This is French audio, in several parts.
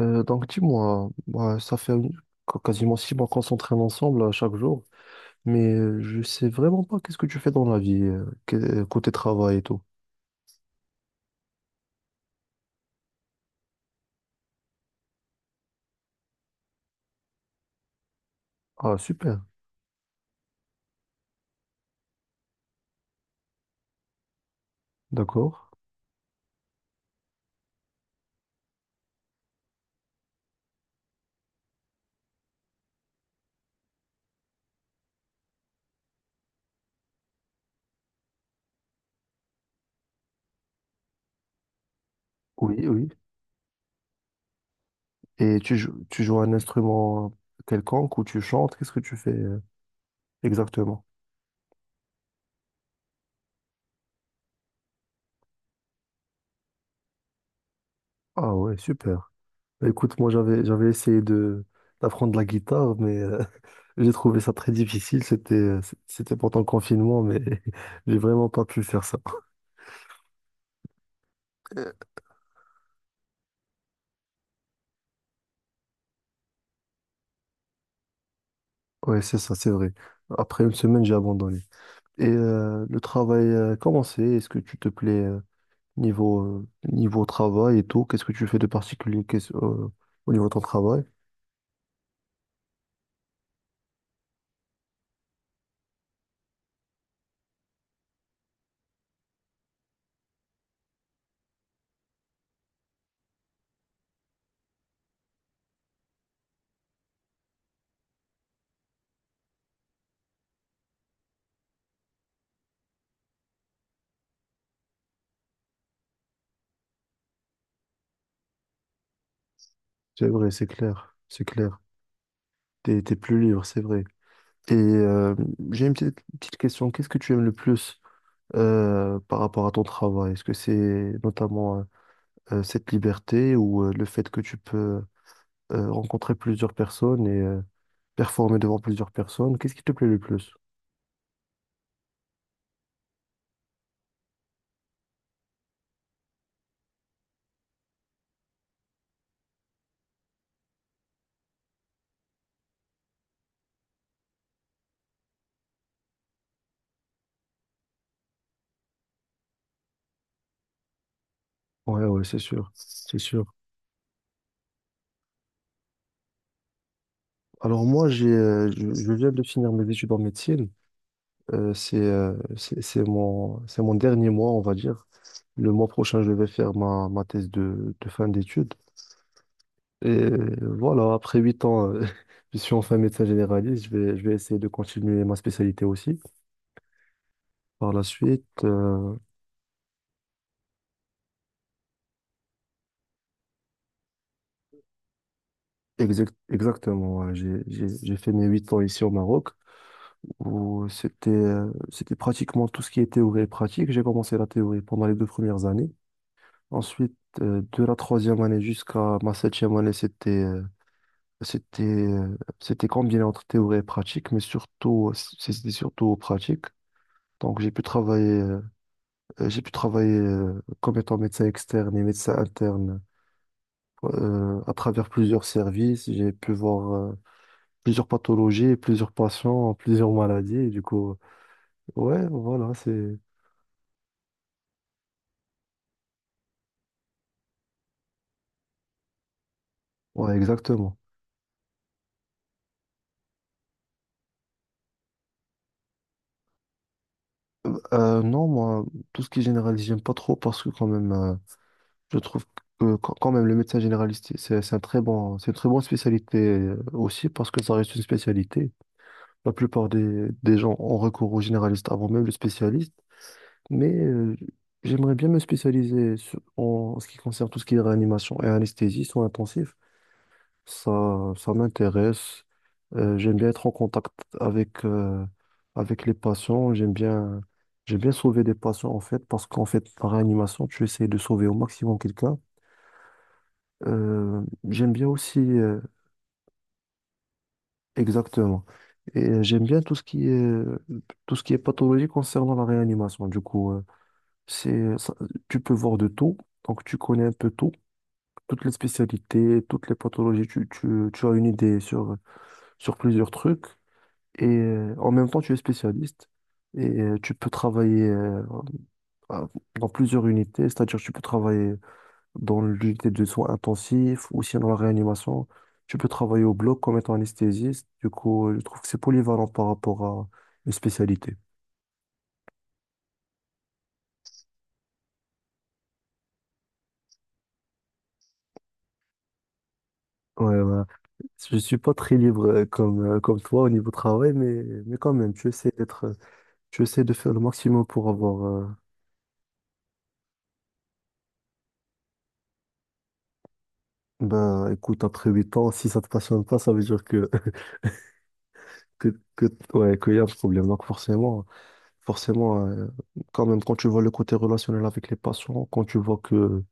Donc dis-moi, bah, ça fait quasiment six mois qu'on s'entraîne ensemble chaque jour, mais je sais vraiment pas qu'est-ce que tu fais dans la vie, côté travail et tout. Ah super, d'accord. Oui, oui. Et tu joues un instrument quelconque ou tu chantes, qu'est-ce que tu fais exactement? Ah ouais, super. Bah, écoute, moi j'avais essayé de d'apprendre la guitare, mais j'ai trouvé ça très difficile. C'était pendant le confinement, mais j'ai vraiment pas pu faire ça. Ouais, c'est ça, c'est vrai. Après une semaine, j'ai abandonné. Et le travail, comment c'est? Est-ce que tu te plais niveau travail et tout? Qu'est-ce que tu fais de particulier au niveau de ton travail? C'est vrai, c'est clair, c'est clair. T'es plus libre, c'est vrai. Et j'ai une petite, petite question. Qu'est-ce que tu aimes le plus par rapport à ton travail? Est-ce que c'est notamment cette liberté ou le fait que tu peux rencontrer plusieurs personnes et performer devant plusieurs personnes? Qu'est-ce qui te plaît le plus? Ouais, ouais, c'est sûr, c'est sûr. Alors moi, je viens de finir mes études en médecine. C'est mon dernier mois, on va dire. Le mois prochain, je vais faire ma thèse de fin d'études. Et voilà, après huit ans, je suis enfin médecin généraliste. Je vais essayer de continuer ma spécialité aussi. Par la suite, exactement, ouais, j'ai fait mes huit ans ici au Maroc. Où c'était pratiquement tout ce qui est théorie et pratique. J'ai commencé la théorie pendant les deux premières années. Ensuite, de la troisième année jusqu'à ma septième année, c'était combiné entre théorie et pratique, mais surtout c'était surtout pratique. Donc j'ai pu travailler comme étant médecin externe et médecin interne à travers plusieurs services. J'ai pu voir plusieurs pathologies, plusieurs patients, plusieurs maladies. Et du coup, ouais, voilà, c'est ouais, exactement. Non, moi, tout ce qui est généraliste, j'aime pas trop parce que quand même, je trouve que quand même le médecin généraliste, c'est un très bon, c'est une très bonne spécialité aussi parce que ça reste une spécialité. La plupart des gens ont recours au généraliste avant même le spécialiste, mais j'aimerais bien me spécialiser en ce qui concerne tout ce qui est réanimation et anesthésie soins intensifs. Ça m'intéresse. J'aime bien être en contact avec, euh, avec les patients. J'aime bien sauver des patients, en fait, parce qu'en fait, par réanimation, tu essaies de sauver au maximum quelqu'un. Euh, J'aime bien aussi, exactement. Et j'aime bien tout ce qui est pathologie concernant la réanimation. Du coup, c'est, ça- tu peux voir de tout. Donc, tu connais un peu tout, toutes les spécialités, toutes les pathologies. Tu as une idée sur plusieurs trucs. Et en même temps tu es spécialiste et tu peux travailler à- dans plusieurs unités, c'est-à-dire tu peux travailler dans l'unité de soins intensifs ou sinon dans la réanimation, tu peux travailler au bloc comme étant anesthésiste. Du coup, je trouve que c'est polyvalent par rapport à une spécialité. Ouais, voilà. Je suis pas très libre comme toi au niveau travail, mais quand même, tu essaies de faire le maximum pour avoir, ben, écoute, après 8 ans, si ça te passionne pas, ça veut dire que que, que, ouais, qu'il y a un problème. Donc forcément, quand même, quand tu vois le côté relationnel avec les patients, quand tu vois que,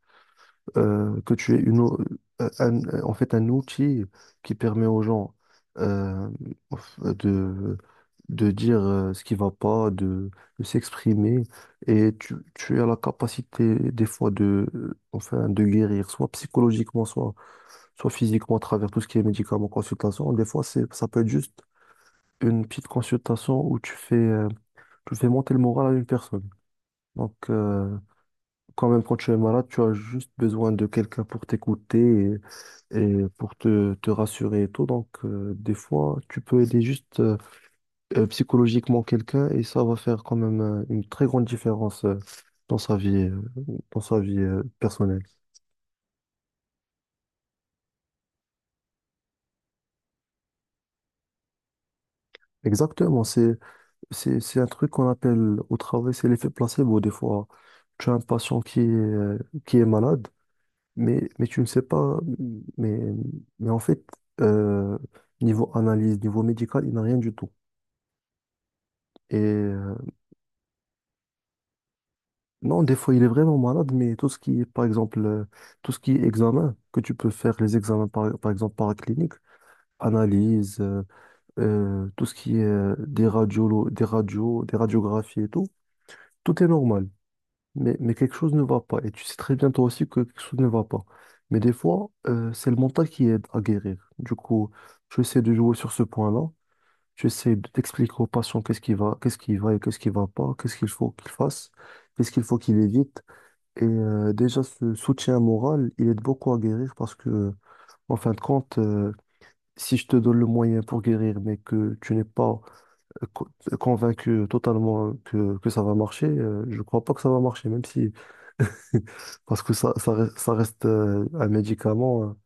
euh, que tu es en fait un outil qui permet aux gens euh, de, de dire ce qui va pas, de s'exprimer, et tu as la capacité des fois enfin, de guérir, soit psychologiquement, soit physiquement à travers tout ce qui est médicaments, consultation. Des fois, ça peut être juste une petite consultation où tu fais monter le moral à une personne. Donc, quand même, quand tu es malade, tu as juste besoin de quelqu'un pour t'écouter et pour te rassurer et tout. Donc, des fois, tu peux aider juste psychologiquement quelqu'un et ça va faire quand même une très grande différence dans sa vie, euh, dans sa vie personnelle. Exactement, c'est un truc qu'on appelle au travail, c'est l'effet placebo. Des fois, tu as un patient qui est malade. Mais tu ne sais pas, mais, mais en fait, euh, niveau analyse, niveau médical, il n'a rien du tout. Et non, des fois, il est vraiment malade, mais tout ce qui est examen, que tu peux faire les examens, par exemple, paracliniques, analyse, tout ce qui est des radios, des radiographies et tout, tout est normal. Mais quelque chose ne va pas. Et tu sais très bien toi aussi que quelque chose ne va pas. Mais des fois, c'est le mental qui aide à guérir. Du coup, j'essaie de jouer sur ce point-là. J'essaie de t'expliquer au patient qu'est-ce qui va et qu'est-ce qui va pas, qu'est-ce qu'il faut qu'il fasse, qu'est-ce qu'il faut qu'il évite. Et déjà, ce soutien moral, il aide beaucoup à guérir parce que, en fin de compte, si je te donne le moyen pour guérir, mais que tu n'es pas euh, co- convaincu totalement que ça va marcher, je crois pas que ça va marcher, même si parce que ça reste, un médicament, hein.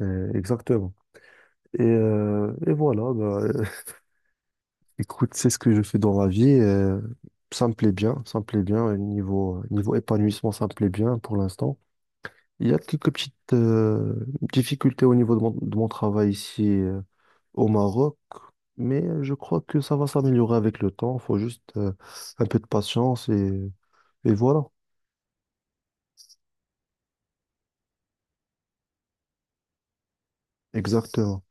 Exactement. Et voilà, bah, écoute, c'est ce que je fais dans la vie. Ça me plaît bien, ça me plaît bien. Niveau épanouissement, ça me plaît bien pour l'instant. Il y a quelques petites difficultés au niveau de mon travail ici au Maroc, mais je crois que ça va s'améliorer avec le temps. Il faut juste un peu de patience et voilà. Exactement.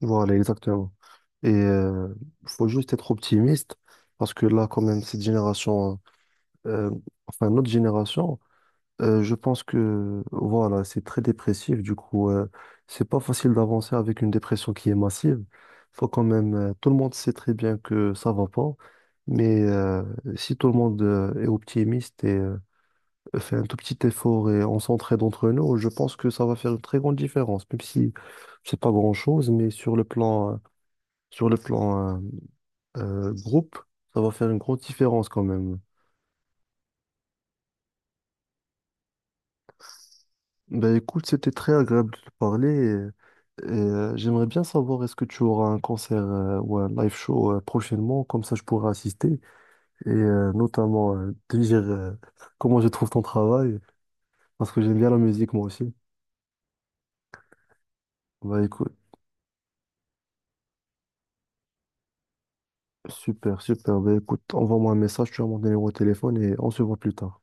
Voilà, exactement. Et il faut juste être optimiste parce que là, quand même, cette génération, euh, enfin notre génération, je pense que voilà, c'est très dépressif. Du coup, c'est pas facile d'avancer avec une dépression qui est massive. Faut quand même, tout le monde sait très bien que ça va pas, mais si tout le monde est optimiste et fait un tout petit effort et on s'entraide entre nous, je pense que ça va faire une très grande différence, même si c'est pas grand-chose, mais sur le plan groupe, ça va faire une grande différence quand même. Ben écoute, c'était très agréable de te parler j'aimerais bien savoir est-ce que tu auras un concert ou un live show prochainement, comme ça je pourrai assister et notamment te dire comment je trouve ton travail parce que j'aime bien la musique moi aussi. Ben écoute, super, super. Ben écoute, envoie-moi un message, tu as mon numéro de téléphone et on se voit plus tard.